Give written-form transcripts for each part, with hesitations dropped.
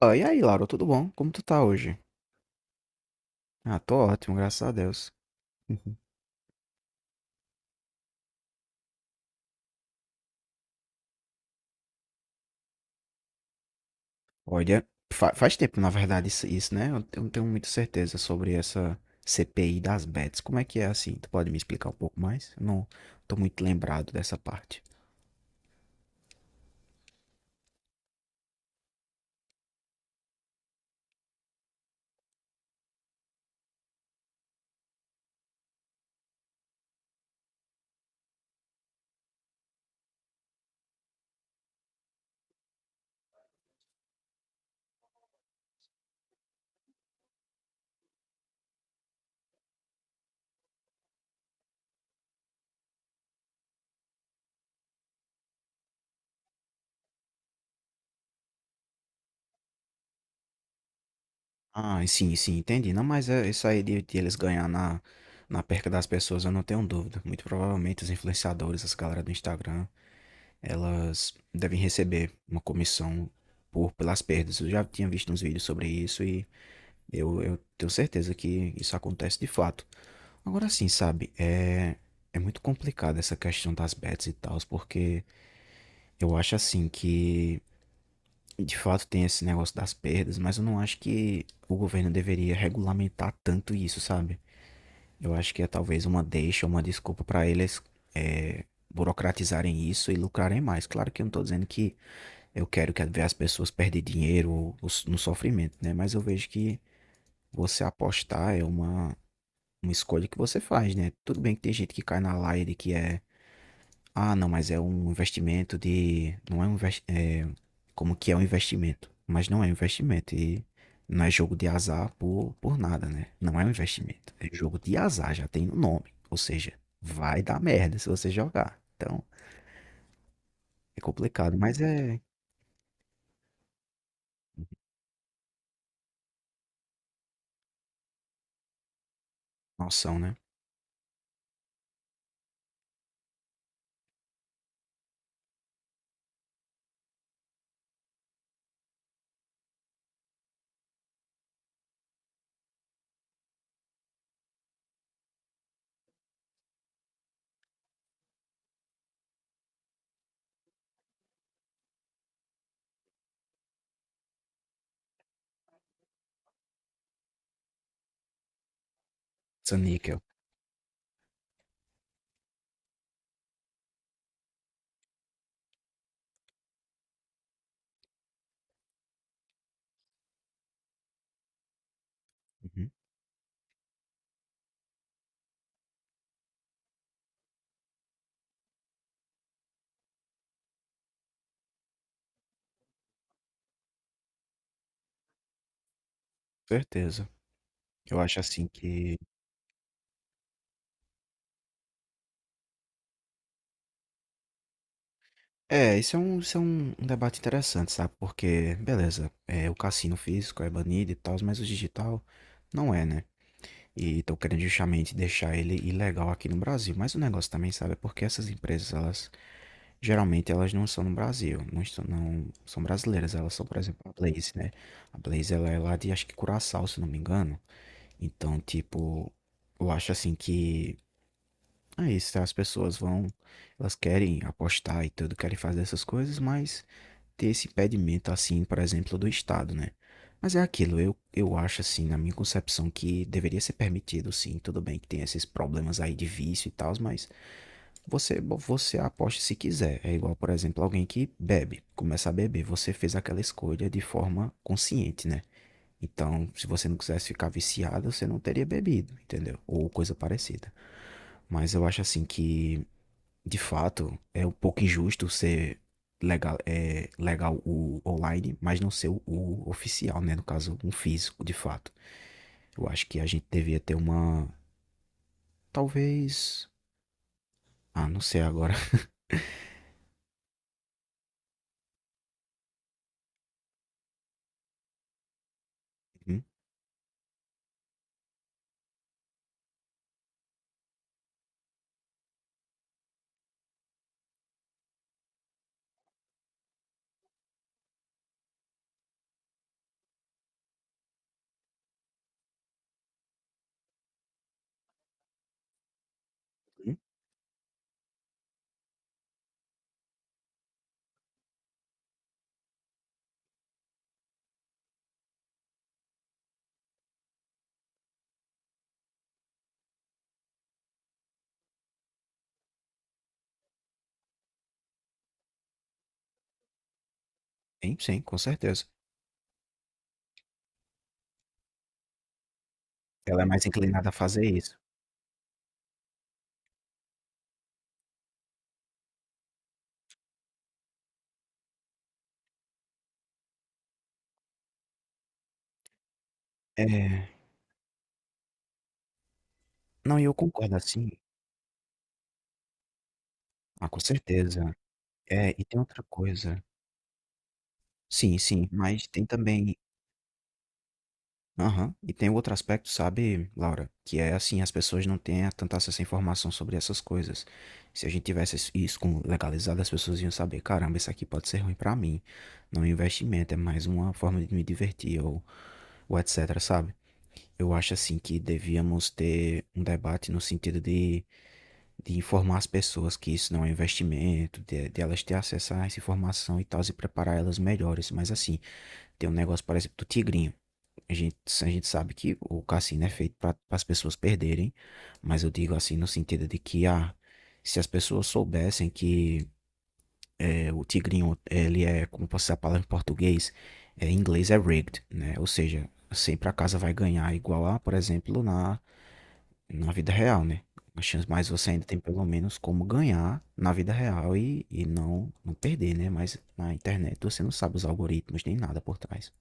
Ah, e aí, Laura, tudo bom? Como tu tá hoje? Ah, tô ótimo, graças a Deus. Uhum. Olha, faz tempo, na verdade, isso, né? Eu não tenho muita certeza sobre essa CPI das bets. Como é que é assim? Tu pode me explicar um pouco mais? Eu não tô muito lembrado dessa parte. Ah, sim, sim, entendi. Não, mas é isso aí de eles ganhar na perca das pessoas, eu não tenho dúvida. Muito provavelmente os influenciadores, as galera do Instagram, elas devem receber uma comissão por pelas perdas. Eu já tinha visto uns vídeos sobre isso. e Eu tenho certeza que isso acontece de fato. Agora sim, sabe, é, é muito complicado essa questão das bets e tal, porque eu acho assim que de fato tem esse negócio das perdas, mas eu não acho que o governo deveria regulamentar tanto isso, sabe? Eu acho que é talvez uma deixa, uma desculpa para eles é, burocratizarem isso e lucrarem mais. Claro que eu não tô dizendo que eu quero que ver as pessoas perderem dinheiro ou no sofrimento, né? Mas eu vejo que você apostar é uma escolha que você faz, né? Tudo bem que tem gente que cai na laia de que é, ah, não, mas é um investimento de, não é um é, como que é um investimento, mas não é um investimento e não é jogo de azar por nada, né? Não é um investimento, é jogo de azar, já tem no nome, ou seja, vai dar merda se você jogar. Então, é complicado, mas é noção, né? Essa níquel. Uhum, certeza. Eu acho assim que é, isso é um debate interessante, sabe? Porque, beleza, é, o cassino físico é banido e tal, mas o digital não é, né? E estão querendo justamente deixar ele ilegal aqui no Brasil. Mas o negócio também, sabe, é porque essas empresas, elas geralmente elas não são no Brasil, não, estão, não são brasileiras, elas são, por exemplo, a Blaze, né? A Blaze ela é lá de acho que Curaçao, se não me engano. Então, tipo, eu acho assim que é isso, tá? As pessoas vão, elas querem apostar e tudo, querem fazer essas coisas, mas ter esse impedimento, assim, por exemplo, do Estado, né? Mas é aquilo, eu acho, assim, na minha concepção, que deveria ser permitido, sim. Tudo bem que tem esses problemas aí de vício e tal, mas você aposta se quiser. É igual, por exemplo, alguém que bebe, começa a beber. Você fez aquela escolha de forma consciente, né? Então, se você não quisesse ficar viciado, você não teria bebido, entendeu? Ou coisa parecida. Mas eu acho assim que de fato, é um pouco injusto ser legal, é, legal o online, mas não ser o oficial, né? No caso, um físico, de fato. Eu acho que a gente devia ter uma. Talvez. Ah, não sei agora. Hum, hum, sim, sim, com certeza. Ela é mais inclinada a fazer isso. É. Não, e eu concordo assim. Ah, com certeza. É, e tem outra coisa. Sim, sim, mas tem também aham. E tem outro aspecto, sabe, Laura? Que é assim, as pessoas não têm tanta acesso à informação sobre essas coisas. Se a gente tivesse isso legalizado, as pessoas iam saber, caramba, isso aqui pode ser ruim pra mim. Não é um investimento, é mais uma forma de me divertir ou etc, sabe? Eu acho assim que devíamos ter um debate no sentido de informar as pessoas que isso não é um investimento, de elas ter acesso a essa informação e tal, e preparar elas melhores. Mas assim, tem um negócio, por exemplo, do tigrinho. A gente, a gente sabe que o cassino é feito para as pessoas perderem, mas eu digo assim no sentido de que ah, se as pessoas soubessem que eh, o tigrinho, ele é, como posso dizer a palavra em português, eh, em inglês é rigged, né? Ou seja, sempre a casa vai ganhar igual a, por exemplo, na, na vida real, né? As chances- mas você ainda tem pelo menos como ganhar na vida real e não, não perder, né? Mas na internet você não sabe os algoritmos nem nada por trás.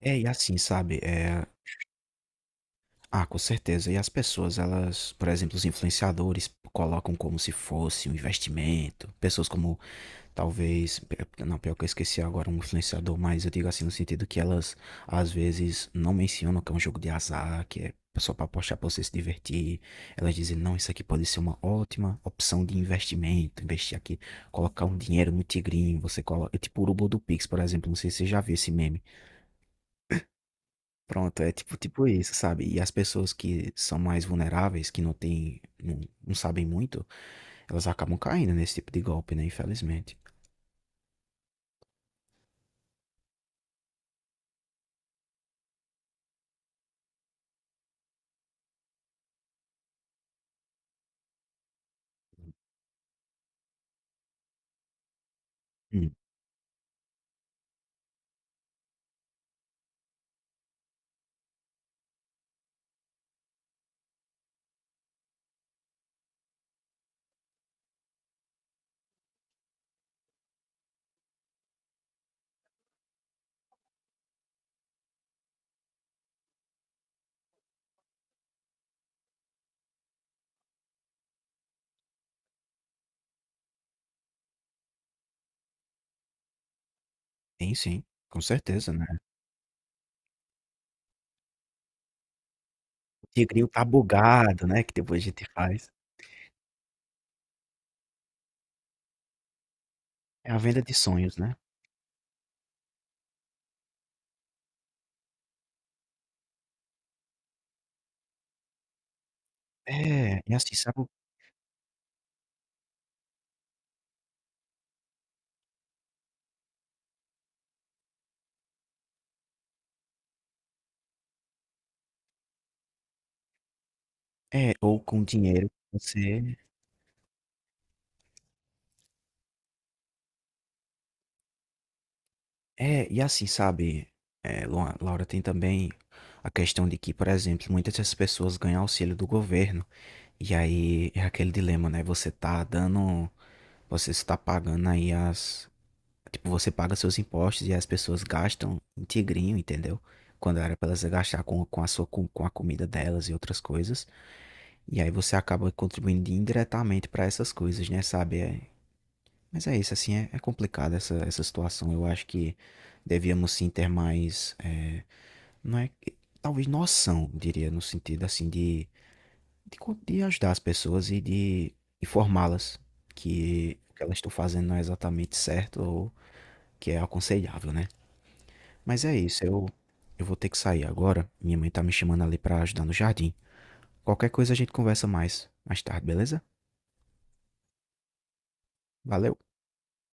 É, e assim, sabe? É, ah, com certeza. E as pessoas, elas, por exemplo, os influenciadores colocam como se fosse um investimento. Pessoas como, talvez, não, pior que eu esqueci agora um influenciador, mas eu digo assim no sentido que elas, às vezes, não mencionam que é um jogo de azar, que é só para apostar para você se divertir. Elas dizem, não, isso aqui pode ser uma ótima opção de investimento. Investir aqui, colocar um dinheiro no tigrinho, você coloca, tipo o urubu do Pix, por exemplo, não sei se você já viu esse meme. Pronto, é tipo, tipo isso, sabe? E as pessoas que são mais vulneráveis, que não têm, não, não sabem muito, elas acabam caindo nesse tipo de golpe, né? Infelizmente. Hum. Sim, sim, com certeza, né? O tigrinho tá bugado, né? Que depois a gente faz. É a venda de sonhos, né? É, e assim, sabe? O- é, ou com dinheiro que você. É, e assim, sabe? É, Laura, tem também a questão de que, por exemplo, muitas dessas pessoas ganham auxílio do governo. E aí é aquele dilema, né? Você tá dando. Você está pagando aí as. Tipo, você paga seus impostos e as pessoas gastam em tigrinho, entendeu? Quando era para elas gastar com a sua com a comida delas e outras coisas. E aí você acaba contribuindo indiretamente para essas coisas, né? Sabe? É, mas é isso, assim, é, é complicado essa, essa situação. Eu acho que devíamos sim ter mais. É, não é. Talvez noção, diria, no sentido assim de, de ajudar as pessoas e de informá-las que o que elas estão fazendo não é exatamente certo ou que é aconselhável, né. Mas é isso, eu vou ter que sair agora, minha mãe tá me chamando ali pra ajudar no jardim. Qualquer coisa a gente conversa mais, mais tarde, beleza? Valeu.